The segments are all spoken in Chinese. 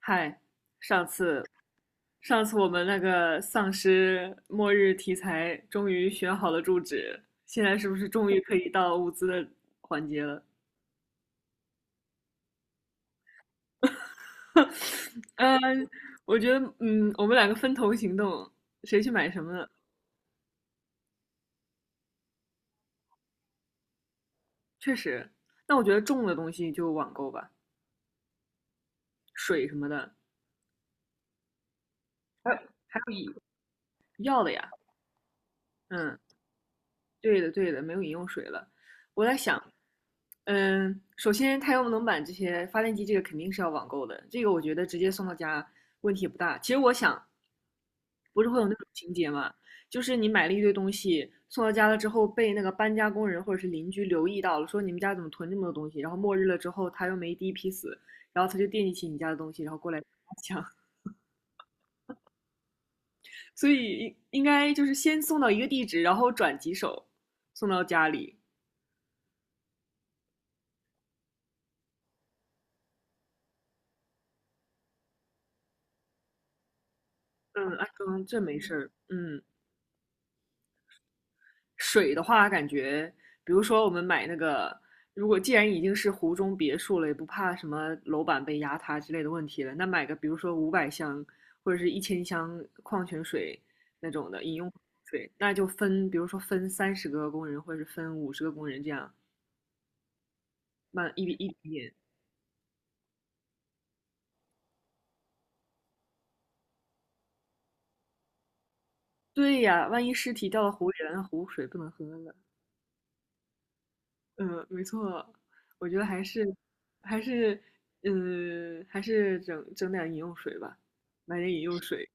嗨，上次上次我们那个丧尸末日题材终于选好了住址，现在是不是终于可以到物资的环节了？嗯，我觉得，我们两个分头行动，谁去买什么呢？确实，但我觉得重的东西就网购吧，水什么的，还有还有饮药的呀，嗯。对的，对的，没有饮用水了。我在想，首先太阳能板这些发电机，这个肯定是要网购的，这个我觉得直接送到家问题也不大。其实我想，不是会有那种情节嘛，就是你买了一堆东西送到家了之后，被那个搬家工人或者是邻居留意到了，说你们家怎么囤这么多东西，然后末日了之后他又没第一批死，然后他就惦记起你家的东西，然后过来抢。所以应该就是先送到一个地址，然后转几手送到家里。嗯，安装这没事儿。嗯。水的话，感觉比如说我们买那个，如果既然已经是湖中别墅了，也不怕什么楼板被压塌之类的问题了，那买个比如说五百箱或者是1000箱矿泉水那种的饮用水，那就分，比如说分30个工人或者是分50个工人这样慢一笔一笔点。对呀，万一尸体掉到湖里了，那湖水不能喝了。嗯，没错，我觉得还是还是整点饮用水吧，买点饮用水。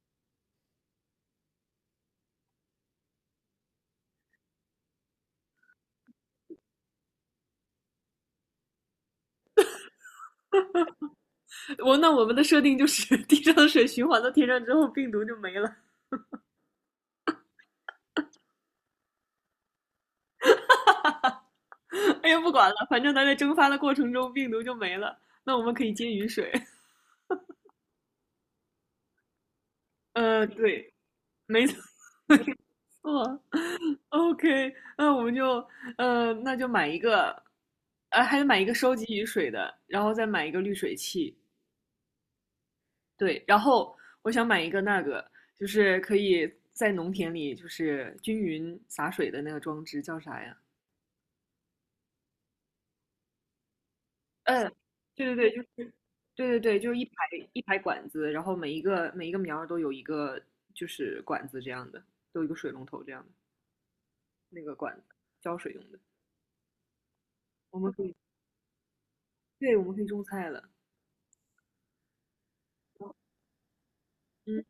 那我们的设定就是 地上的水循环到天上之后，病毒就没了。哎呀，不管了，反正它在蒸发的过程中，病毒就没了。那我们可以接雨水。对，没错，没错。OK，那就买一个，还得买一个收集雨水的，然后再买一个滤水器。对，然后我想买一个那个，就是可以在农田里就是均匀洒水的那个装置，叫啥呀？嗯，对对对，对对对，就是一排一排管子，然后每一个苗儿都有一个就是管子这样的，都有一个水龙头这样的那个管子，浇水用的。我们可以，对，我们可以种菜了。嗯，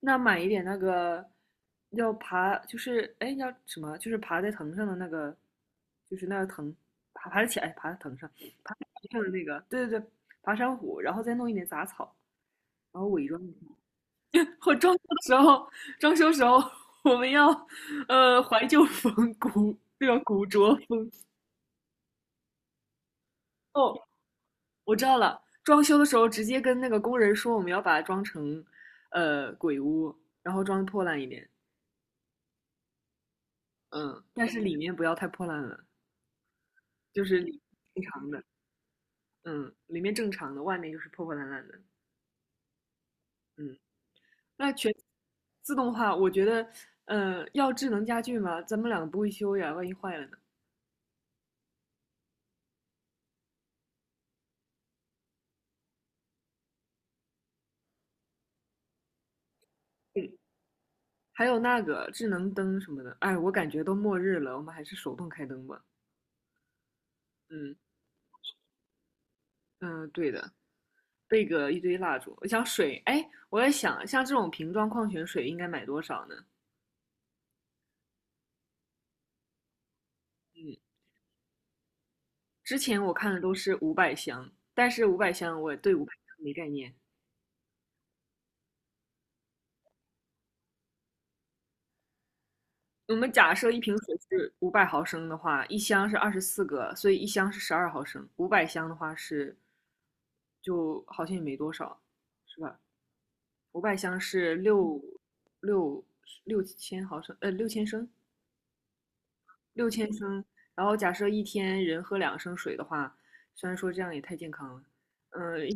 那买一点那个要爬，就是哎要什么？就是爬在藤上的那个，就是那个藤，爬得起来，爬在藤上的那个，对对对，爬山虎，然后再弄一点杂草，然后伪装一下。我装修的时候，装修时候我们要怀旧风古那个古着风哦，我知道了。装修的时候直接跟那个工人说我们要把它装成鬼屋，然后装破烂一点，嗯，但是里面不要太破烂了，就是里正常的，嗯，里面正常的，外面就是破破烂烂的，嗯。那全自动化，我觉得要智能家具吗？咱们两个不会修呀，万一坏了呢？嗯还有那个智能灯什么的，哎，我感觉都末日了，我们还是手动开灯吧。嗯嗯、对的，备个一堆蜡烛。我想水，哎，我在想，像这种瓶装矿泉水应该买多少呢？嗯，之前我看的都是五百箱，但是五百箱我对五百箱没概念。我们假设一瓶水是500毫升的话，一箱是24个，所以一箱是12毫升。五百箱的话是，就好像也没多少，是吧？五百箱是六6000毫升，六千升，六千升。然后假设一天人喝两升水的话，虽然说这样也太健康了，一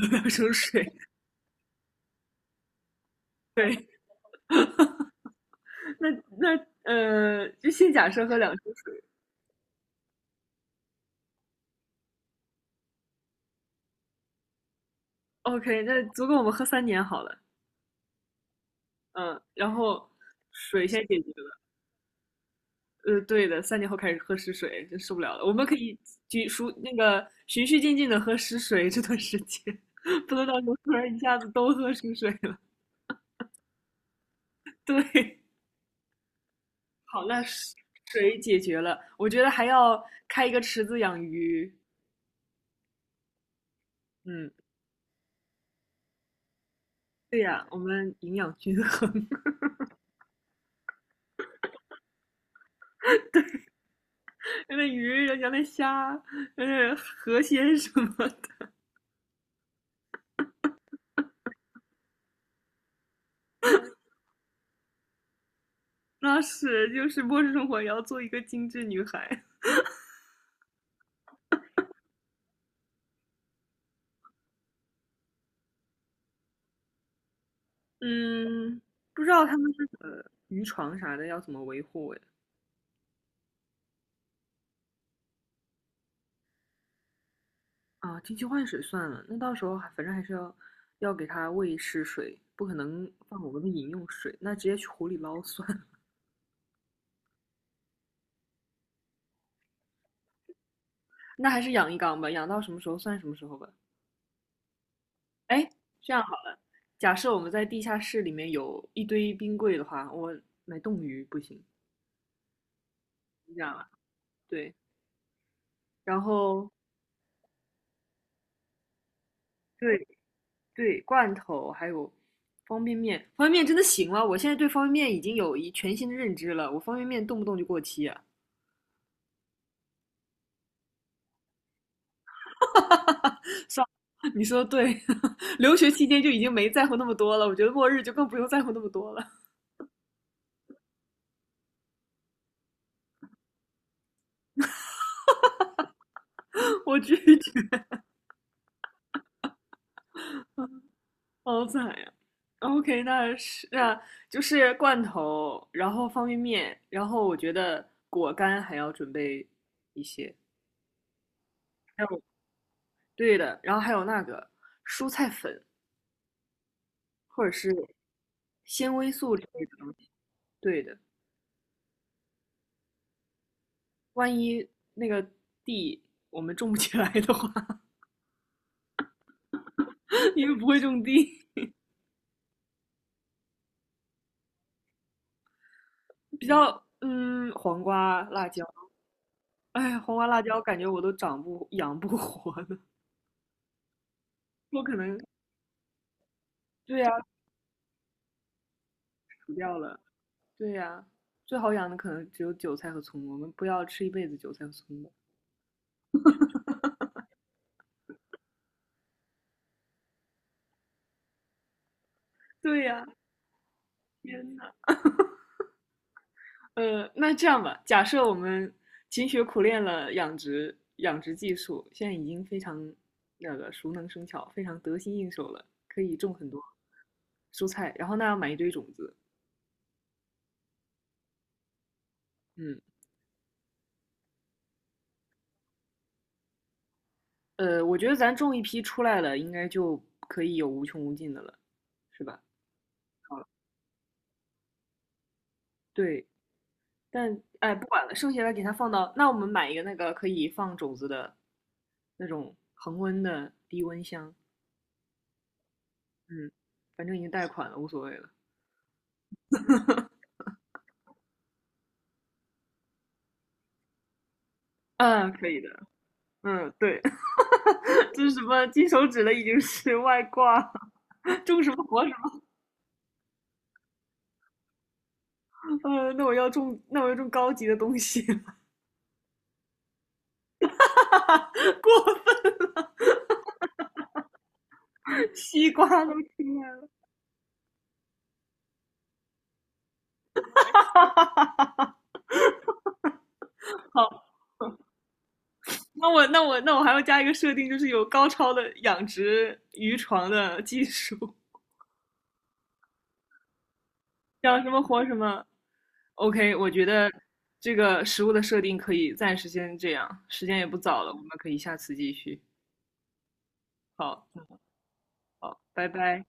天两升水，那那呃，就先假设喝两升水，OK,那足够我们喝三年好了，嗯，然后水先解决了，对的，3年后开始喝食水，真受不了了。我们可以就数那个循序渐进的喝食水这段时间，不能到时候突然一下子都喝食水了。对，好，那水解决了，我觉得还要开一个池子养鱼。嗯，对呀，我们营养均衡，那鱼、人家那虾、河鲜什么的，就是末日生活也要做一个精致女孩。嗯，不知道他们是渔床啥的要怎么维护哎。啊，定期换水算了，那到时候还反正还是要给它喂食水，不可能放我们的饮用水，那直接去湖里捞算了。那还是养一缸吧，养到什么时候算什么时候吧。哎，这样好了，假设我们在地下室里面有一堆冰柜的话，我买冻鱼不行，你这样吧，对，然后对对，罐头还有方便面，方便面真的行吗？我现在对方便面已经有一全新的认知了，我方便面动不动就过期啊。你说的对，留学期间就已经没在乎那么多了，我觉得末日就更不用在乎那么多了。我拒绝。好惨呀！OK，那是那就是罐头，然后方便面，然后我觉得果干还要准备一些，还有对的，然后还有那个蔬菜粉或者是纤维素之类的东西。对的，万一那个地我们种不起来的话，因为不会种地，比较黄瓜、辣椒，哎，黄瓜、辣椒感觉我都长不养不活呢，我可能对呀、啊死掉了。对呀，最好养的可能只有韭菜和葱，我们不要吃一辈子韭菜和葱吧。对呀，天呐，那这样吧，假设我们勤学苦练了养殖技术，现在已经非常那个熟能生巧，非常得心应手了，可以种很多蔬菜，然后那要买一堆种子，嗯，我觉得咱种一批出来了，应该就可以有无穷无尽的了，是吧？好了，对，但剩下的给它放到，那我们买一个那个可以放种子的那种恒温的低温箱，嗯，反正已经贷款了，无所谓了。嗯，可以的。嗯，对，这是什么金手指了，已经是外挂，种什么活什么。嗯，那我要种高级的东西。过分，西瓜都出来了。好，那我还要加一个设定，就是有高超的养殖渔床的技术。想什么活什么。OK，我觉得这个食物的设定可以暂时先这样，时间也不早了，我们可以下次继续。好，好，拜拜。